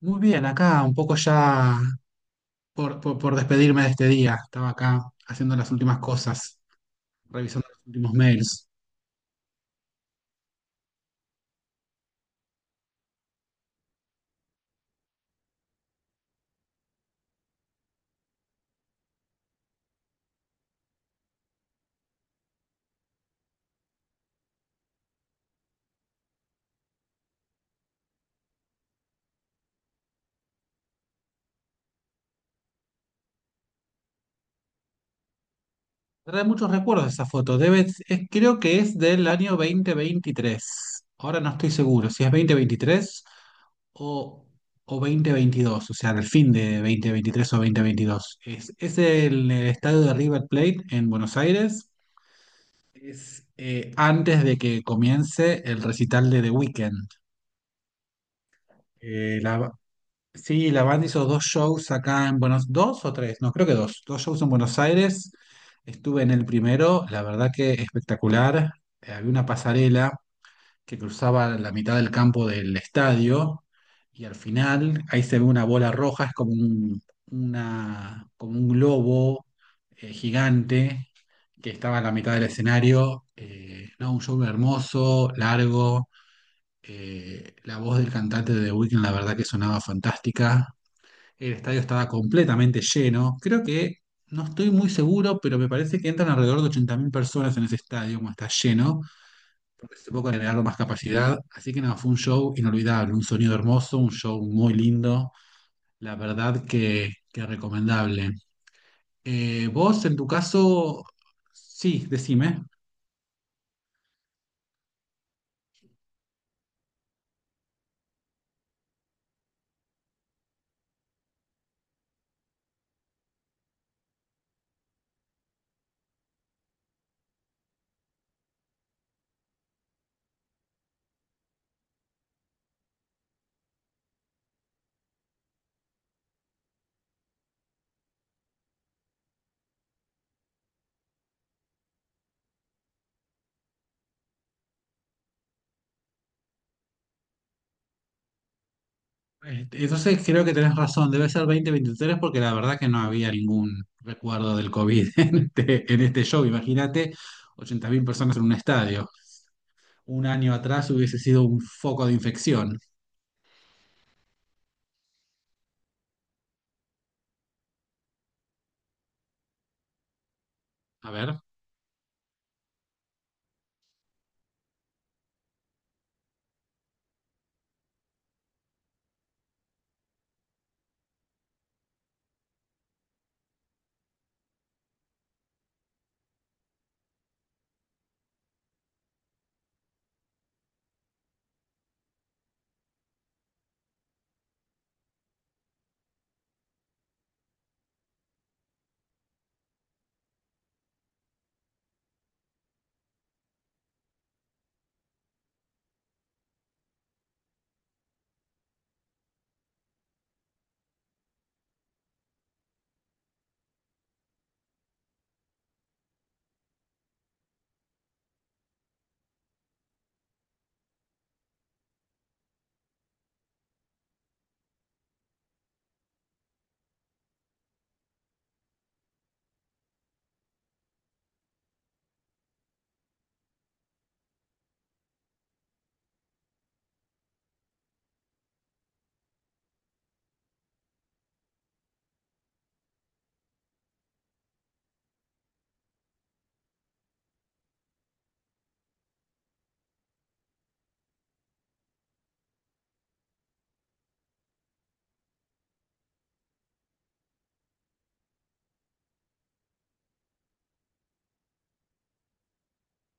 Muy bien, acá un poco ya por despedirme de este día. Estaba acá haciendo las últimas cosas, revisando los últimos mails. Trae muchos recuerdos esa foto. Creo que es del año 2023. Ahora no estoy seguro si es 2023 o, o 2022, o sea, del fin de 2023 o 2022. Es el, estadio de River Plate en Buenos Aires. Es antes de que comience el recital de The Weeknd. Eh, la, Sí, la banda hizo dos shows acá en Buenos dos o tres, no, creo que dos shows en Buenos Aires. Estuve en el primero, la verdad que espectacular. Había una pasarela que cruzaba la mitad del campo del estadio y al final ahí se ve una bola roja, es como como un globo gigante que estaba en la mitad del escenario. No, un show hermoso, largo. La voz del cantante de The Weeknd, la verdad que sonaba fantástica. El estadio estaba completamente lleno. No estoy muy seguro, pero me parece que entran alrededor de 80.000 personas en ese estadio, como está lleno. Se que agregar más capacidad. Así que nada, fue un show inolvidable, un sonido hermoso, un show muy lindo. La verdad que recomendable. Vos, en tu caso, sí, decime. Entonces creo que tenés razón, debe ser 2023 porque la verdad que no había ningún recuerdo del COVID en este show. Imagínate 80.000 personas en un estadio. Un año atrás hubiese sido un foco de infección. A ver.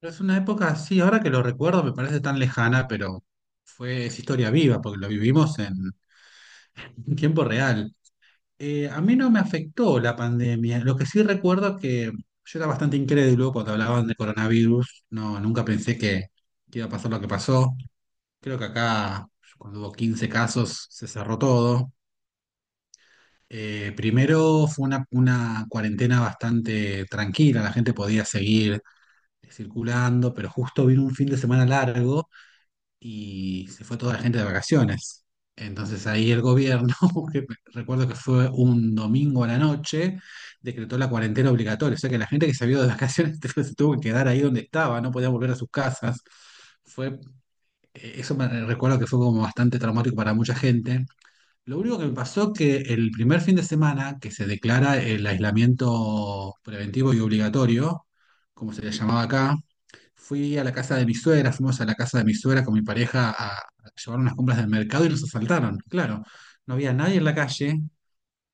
Pero es una época, sí, ahora que lo recuerdo me parece tan lejana, pero fue, es historia viva porque lo vivimos en tiempo real. A mí no me afectó la pandemia. Lo que sí recuerdo que yo era bastante incrédulo cuando hablaban de coronavirus. No, nunca pensé que iba a pasar lo que pasó. Creo que acá cuando hubo 15 casos, se cerró todo. Primero fue una cuarentena bastante tranquila, la gente podía seguir circulando, pero justo vino un fin de semana largo y se fue toda la gente de vacaciones. Entonces ahí el gobierno, que recuerdo que fue un domingo a la noche, decretó la cuarentena obligatoria. O sea que la gente que se había ido de vacaciones se tuvo que quedar ahí donde estaba, no podía volver a sus casas. Fue, Eso me recuerdo que fue como bastante traumático para mucha gente. Lo único que me pasó que el primer fin de semana que se declara el aislamiento preventivo y obligatorio, como se le llamaba acá, fui a la casa de mi suegra, fuimos a la casa de mi suegra con mi pareja a llevar unas compras del mercado y nos asaltaron. Claro, no había nadie en la calle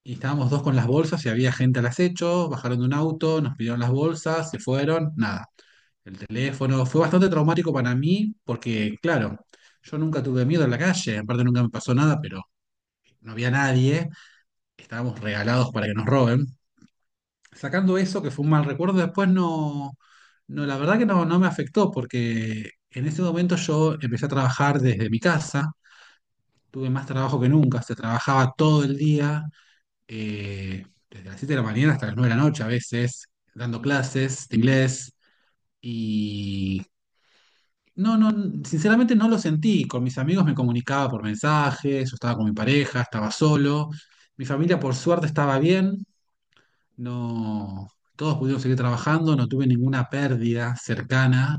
y estábamos dos con las bolsas y había gente al acecho, bajaron de un auto, nos pidieron las bolsas, se fueron, nada. El teléfono fue bastante traumático para mí porque, claro, yo nunca tuve miedo en la calle, aparte nunca me pasó nada, pero no había nadie, estábamos regalados para que nos roben sacando eso, que fue un mal recuerdo, después no, no, la verdad que no, no me afectó porque en ese momento yo empecé a trabajar desde mi casa, tuve más trabajo que nunca, se trabajaba todo el día, eh, desde las 7 de la mañana hasta las 9 de la noche a veces, dando clases de inglés y... No, no, Sinceramente no lo sentí. Con mis amigos me comunicaba por mensajes, yo estaba con mi pareja, estaba solo. Mi familia por suerte estaba bien. No, todos pudieron seguir trabajando, no tuve ninguna pérdida cercana,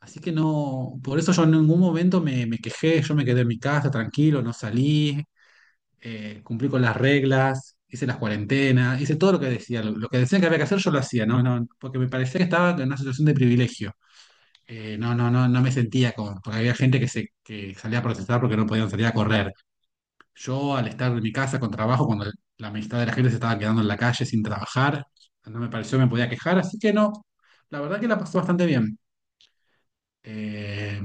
así que no, por eso yo en ningún momento me quejé, yo me quedé en mi casa tranquilo, no salí, cumplí con las reglas, hice las cuarentenas, hice todo lo que decía, lo que decían que había que hacer yo lo hacía, no, no, porque me parecía que estaba en una situación de privilegio. No me sentía como, porque había gente que salía a protestar porque no podían salir a correr. Yo al estar en mi casa con trabajo, cuando la mitad de la gente se estaba quedando en la calle sin trabajar, no me pareció me podía quejar, así que no, la verdad que la pasé bastante bien. Eh,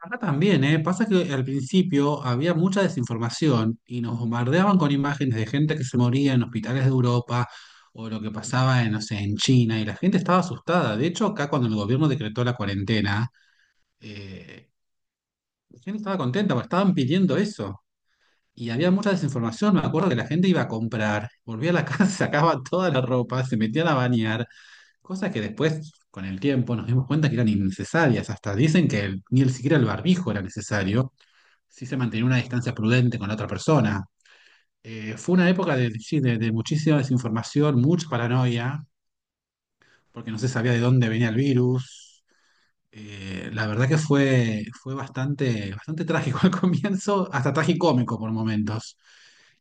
Acá también, ¿eh? Pasa que al principio había mucha desinformación y nos bombardeaban con imágenes de gente que se moría en hospitales de Europa o lo que pasaba en, no sé, en China y la gente estaba asustada. De hecho, acá cuando el gobierno decretó la cuarentena, eh, la gente estaba contenta porque estaban pidiendo eso. Y había mucha desinformación, me acuerdo que la gente iba a comprar, volvía a la casa, sacaba toda la ropa, se metían a bañar, cosas que después, con el tiempo, nos dimos cuenta que eran innecesarias. Hasta dicen que el- ni el, siquiera el barbijo era necesario, si se mantenía una distancia prudente con la otra persona. Fue una época de, sí, de muchísima desinformación, mucha paranoia, porque no se sabía de dónde venía el virus. La verdad que fue, fue bastante, bastante trágico al comienzo, hasta tragicómico por momentos.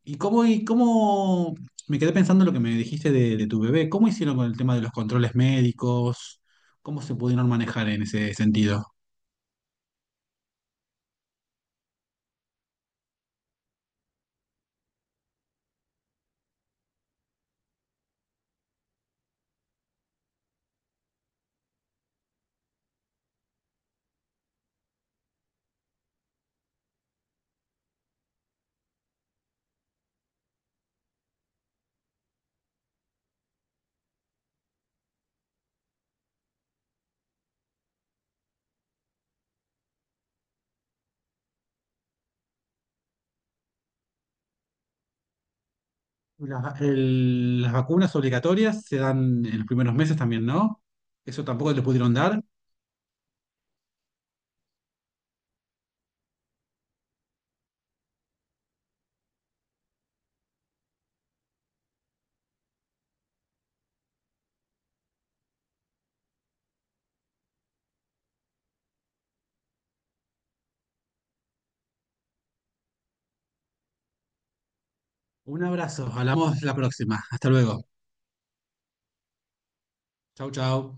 ¿Y cómo me quedé pensando en lo que me dijiste de tu bebé? ¿Cómo hicieron con el tema de los controles médicos? ¿Cómo se pudieron manejar en ese sentido? Las vacunas obligatorias se dan en los primeros meses también, ¿no? Eso tampoco te pudieron dar. Un abrazo, hablamos la próxima. Hasta luego. Chau, chau.